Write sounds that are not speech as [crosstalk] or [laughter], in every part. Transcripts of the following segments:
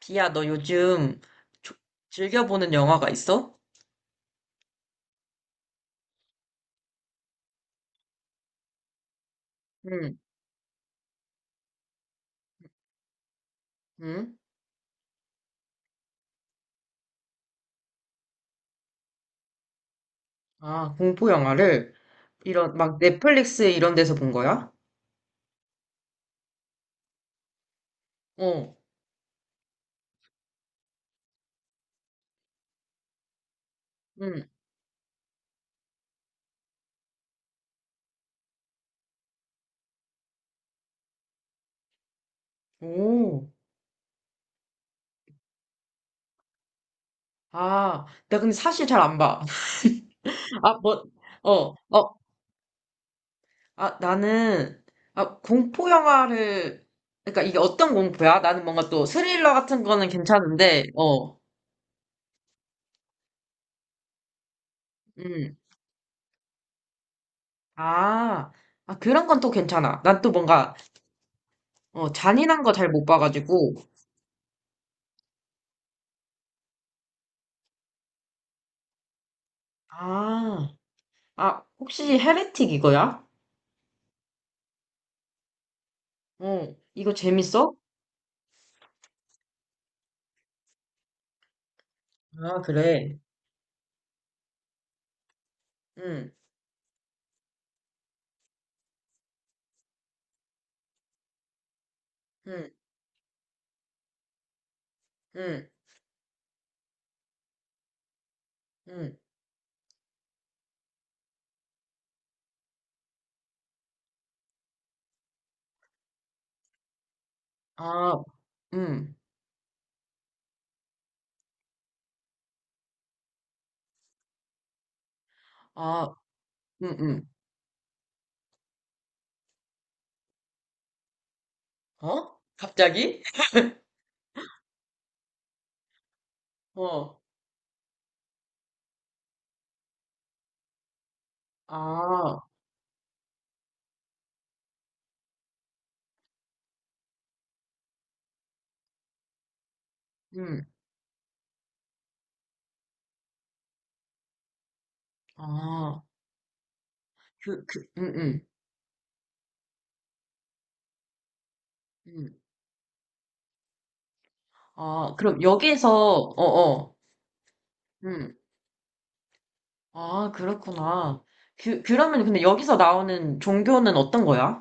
비야, 너 요즘 조- 즐겨보는 영화가 있어? 응, 응. 아, 공포 영화를 이런 막 넷플릭스 이런 데서 본 거야? 어, 응. 오. 아, 나 근데 사실 잘 안 봐. [laughs] 아, 뭐, 어, 어. 아, 나는 아, 공포 영화를, 그러니까 이게 어떤 공포야? 나는 뭔가 또 스릴러 같은 거는 괜찮은데, 어, 음. 아, 아 그런 건 또 괜찮아. 난 또 뭔가 어, 잔인한 거 잘 못 봐가지고. 아. 아, 혹시 헤레틱 이거야? 어, 이거 재밌어? 아, 그래. 응, 응, 응, 응. 아, 응, 아, 응, 응. 어? 갑자기? [laughs] 어, 아, 응, 아, 응, 응, 응. 아, 그럼 여기에서, 어, 어, 응. 아, 그렇구나. 그러면 근데 여기서 나오는 종교는 어떤 거야?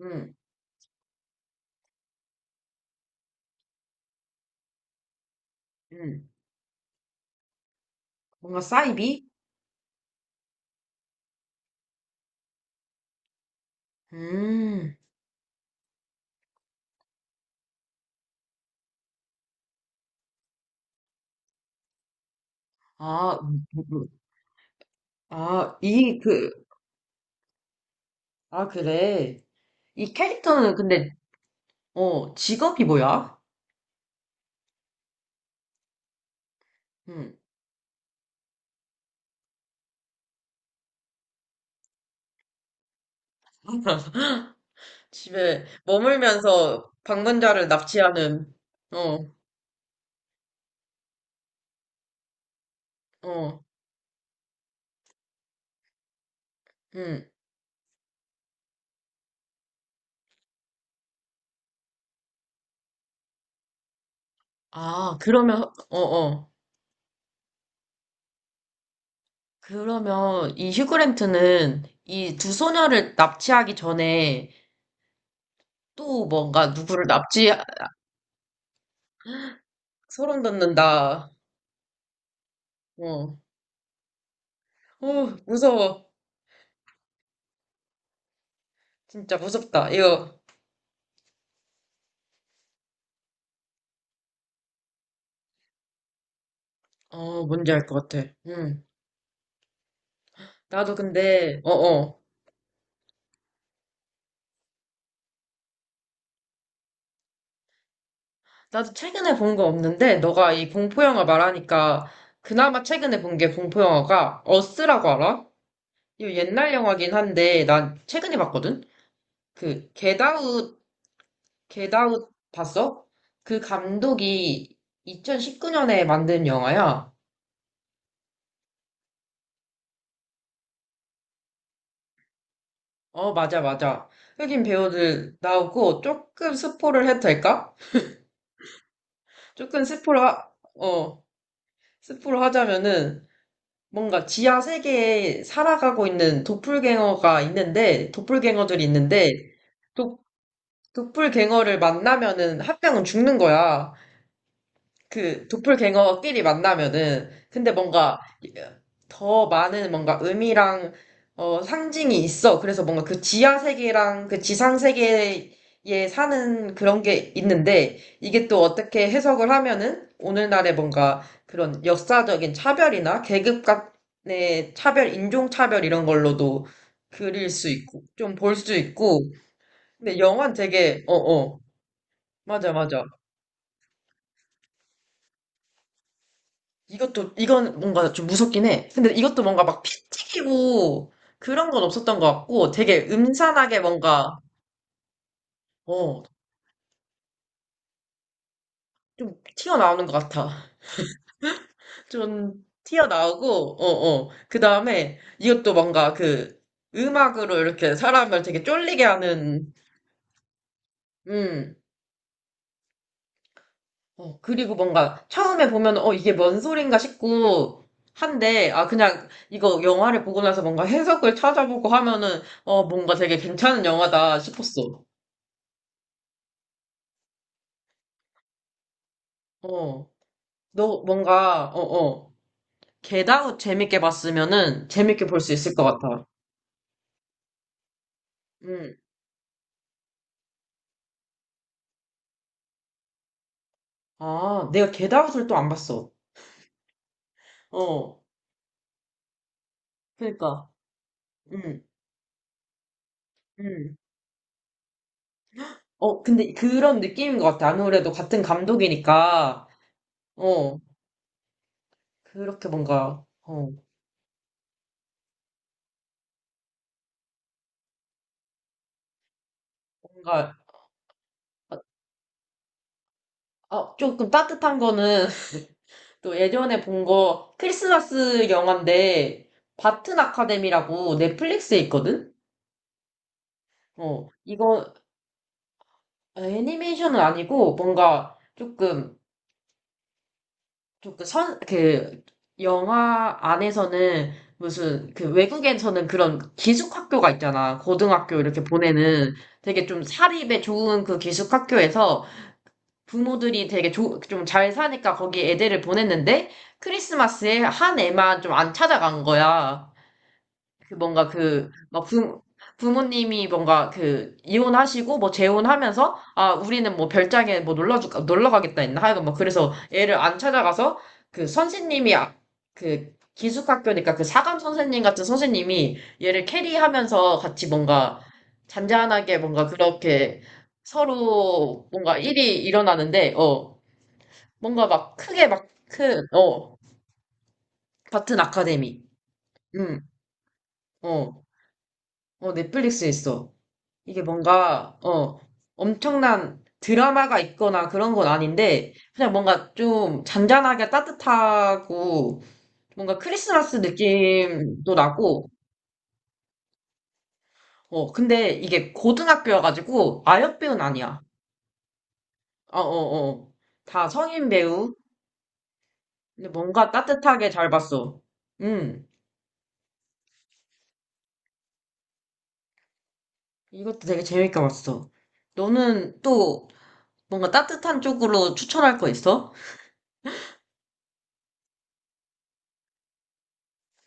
응, 응. 뭔가 사이비? 음, 아, 아, 이, 그, 아, 그래. 이 캐릭터는 근데, 어, 직업이 뭐야? 응. [laughs] 집에 머물면서 방문자를 납치하는, 어, 어, 응. 아, 그러면, 어, 어. 그러면 이 휴그랜트는 이 두 소녀를 납치하기 전에 또 뭔가 누구를 납치, 소름 돋는다. 어, 어, 무서워. 진짜 무섭다. 이거, 어, 뭔지 알 것 같아. 응. 나도 근데, 어어. 나도 최근에 본 거 없는데, 너가 이 공포영화 말하니까, 그나마 최근에 본 게 공포영화가, 어스라고 알아? 이거 옛날 영화긴 한데, 난 최근에 봤거든? 그, 겟아웃, 겟아웃 봤어? 그 감독이 2019년에 만든 영화야. 어, 맞아, 맞아. 흑인 배우들 나오고, 조금 스포를 해도 될까? 조금 스포를, 하, 어, 스포를 하자면은, 뭔가 지하 세계에 살아가고 있는 도플갱어가 있는데, 도플갱어들이 있는데, 도, 도플갱어를 만나면은 한 명은 죽는 거야. 그 도플갱어끼리 만나면은 근데 뭔가 더 많은 뭔가 의미랑 어, 상징이 있어. 그래서 뭔가 그 지하 세계랑 그 지상 세계에 사는 그런 게 있는데 이게 또 어떻게 해석을 하면은 오늘날의 뭔가 그런 역사적인 차별이나 계급 간의 차별, 인종 차별 이런 걸로도 그릴 수 있고 좀 볼 수 있고. 근데 영화는 되게 어어 맞아 맞아 이것도, 이건 뭔가 좀 무섭긴 해. 근데 이것도 뭔가 막 피 튀기고 그런 건 없었던 것 같고 되게 음산하게 뭔가, 어, 좀 튀어나오는 것 같아. [laughs] 좀 튀어나오고, 어, 어. 그 다음에 이것도 뭔가 그 음악으로 이렇게 사람을 되게 쫄리게 하는, 음, 어, 그리고 뭔가 처음에 보면, 어, 이게 뭔 소린가 싶고, 한데, 아, 그냥 이거 영화를 보고 나서 뭔가 해석을 찾아보고 하면은, 어, 뭔가 되게 괜찮은 영화다 싶었어. 어, 너 뭔가, 어, 어, 겟아웃 재밌게 봤으면은 재밌게 볼 수 있을 것 같아. 응. 아, 내가 겟아웃을 또 안 봤어. 어, 그러니까. 응, 응. 어, 근데 그런 느낌인 것 같아. 아무래도 같은 감독이니까. 어, 그렇게 뭔가, 어, 뭔가, 아, 아, 조금 따뜻한 거는 [laughs] 또 예전에 본 거 크리스마스 영화인데, 바튼 아카데미라고 넷플릭스에 있거든? 어, 이거, 어, 애니메이션은 아니고 뭔가 조금 조금 선 그 영화 안에서는 무슨 그 외국에서는 그런 기숙학교가 있잖아. 고등학교 이렇게 보내는 되게 좀 사립에 좋은 그 기숙학교에서 부모들이 되게 좀 잘 사니까 거기 애들을 보냈는데 크리스마스에 한 애만 좀 안 찾아간 거야. 그 뭔가 그, 막 부모님이 뭔가 그, 이혼하시고 뭐 재혼하면서, 아, 우리는 뭐 별장에 뭐 놀러 가겠다 했나? 하여간 뭐 그래서 애를 안 찾아가서 그 선생님이, 아- 그 기숙학교니까 그 사감 선생님 같은 선생님이 얘를 캐리하면서 같이 뭔가 잔잔하게 뭔가 그렇게 서로 뭔가 일이 일어나는데, 어, 뭔가 막 크게 막 큰, 어, 같은 아카데미. 음, 어. 어, 넷플릭스에 있어. 이게 뭔가, 어, 엄청난 드라마가 있거나 그런 건 아닌데, 그냥 뭔가 좀 잔잔하게 따뜻하고, 뭔가 크리스마스 느낌도 나고, 어, 근데 이게 고등학교여가지고, 아역 배우는 아니야. 어, 어, 어. 다 성인 배우. 근데 뭔가 따뜻하게 잘 봤어. 음, 이것도 되게 재밌게 봤어. 너는 또 뭔가 따뜻한 쪽으로 추천할 거 있어?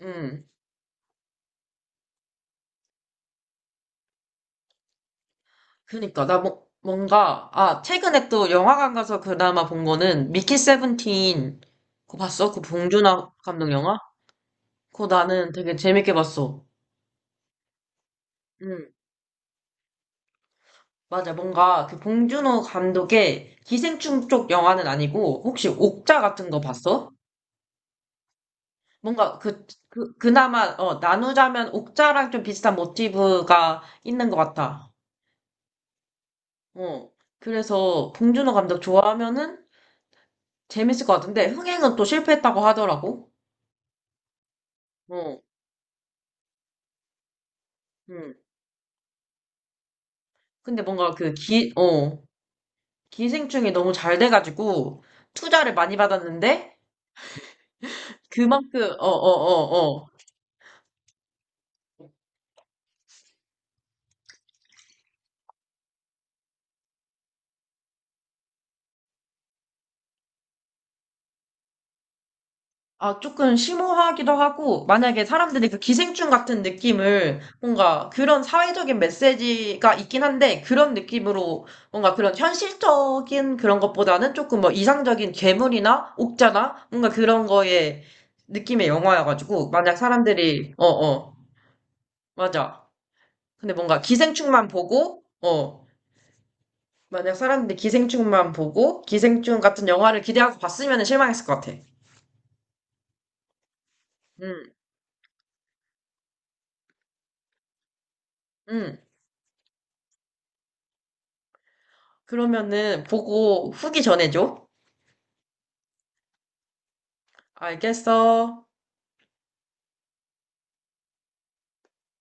음. 그니까 나 뭐, 뭔가 아 최근에 또 영화관 가서 그나마 본 거는 미키 17. 그거 봤어? 그 봉준호 감독 영화? 그거 나는 되게 재밌게 봤어. 응 맞아 뭔가 그 봉준호 감독의 기생충 쪽 영화는 아니고 혹시 옥자 같은 거 봤어? 뭔가 그, 그 그나마 어 나누자면 옥자랑 좀 비슷한 모티브가 있는 것 같아. 어 그래서 봉준호 감독 좋아하면은 재밌을 것 같은데 흥행은 또 실패했다고 하더라고. 어. 음. 근데 뭔가 그 기, 어, 기생충이 너무 잘 돼가지고 투자를 많이 받았는데 그만큼, 어, 어, 어, 어. 아, 조금 심오하기도 하고, 만약에 사람들이 그 기생충 같은 느낌을 뭔가 그런 사회적인 메시지가 있긴 한데, 그런 느낌으로 뭔가 그런 현실적인 그런 것보다는 조금 뭐 이상적인 괴물이나 옥자나 뭔가 그런 거의 느낌의 영화여가지고, 만약 사람들이, 어, 어, 맞아. 근데 뭔가 기생충만 보고, 어, 만약 사람들이 기생충만 보고 기생충 같은 영화를 기대하고 봤으면 실망했을 것 같아. 음, 음. 그러면은 보고 후기 전해줘. 알겠어.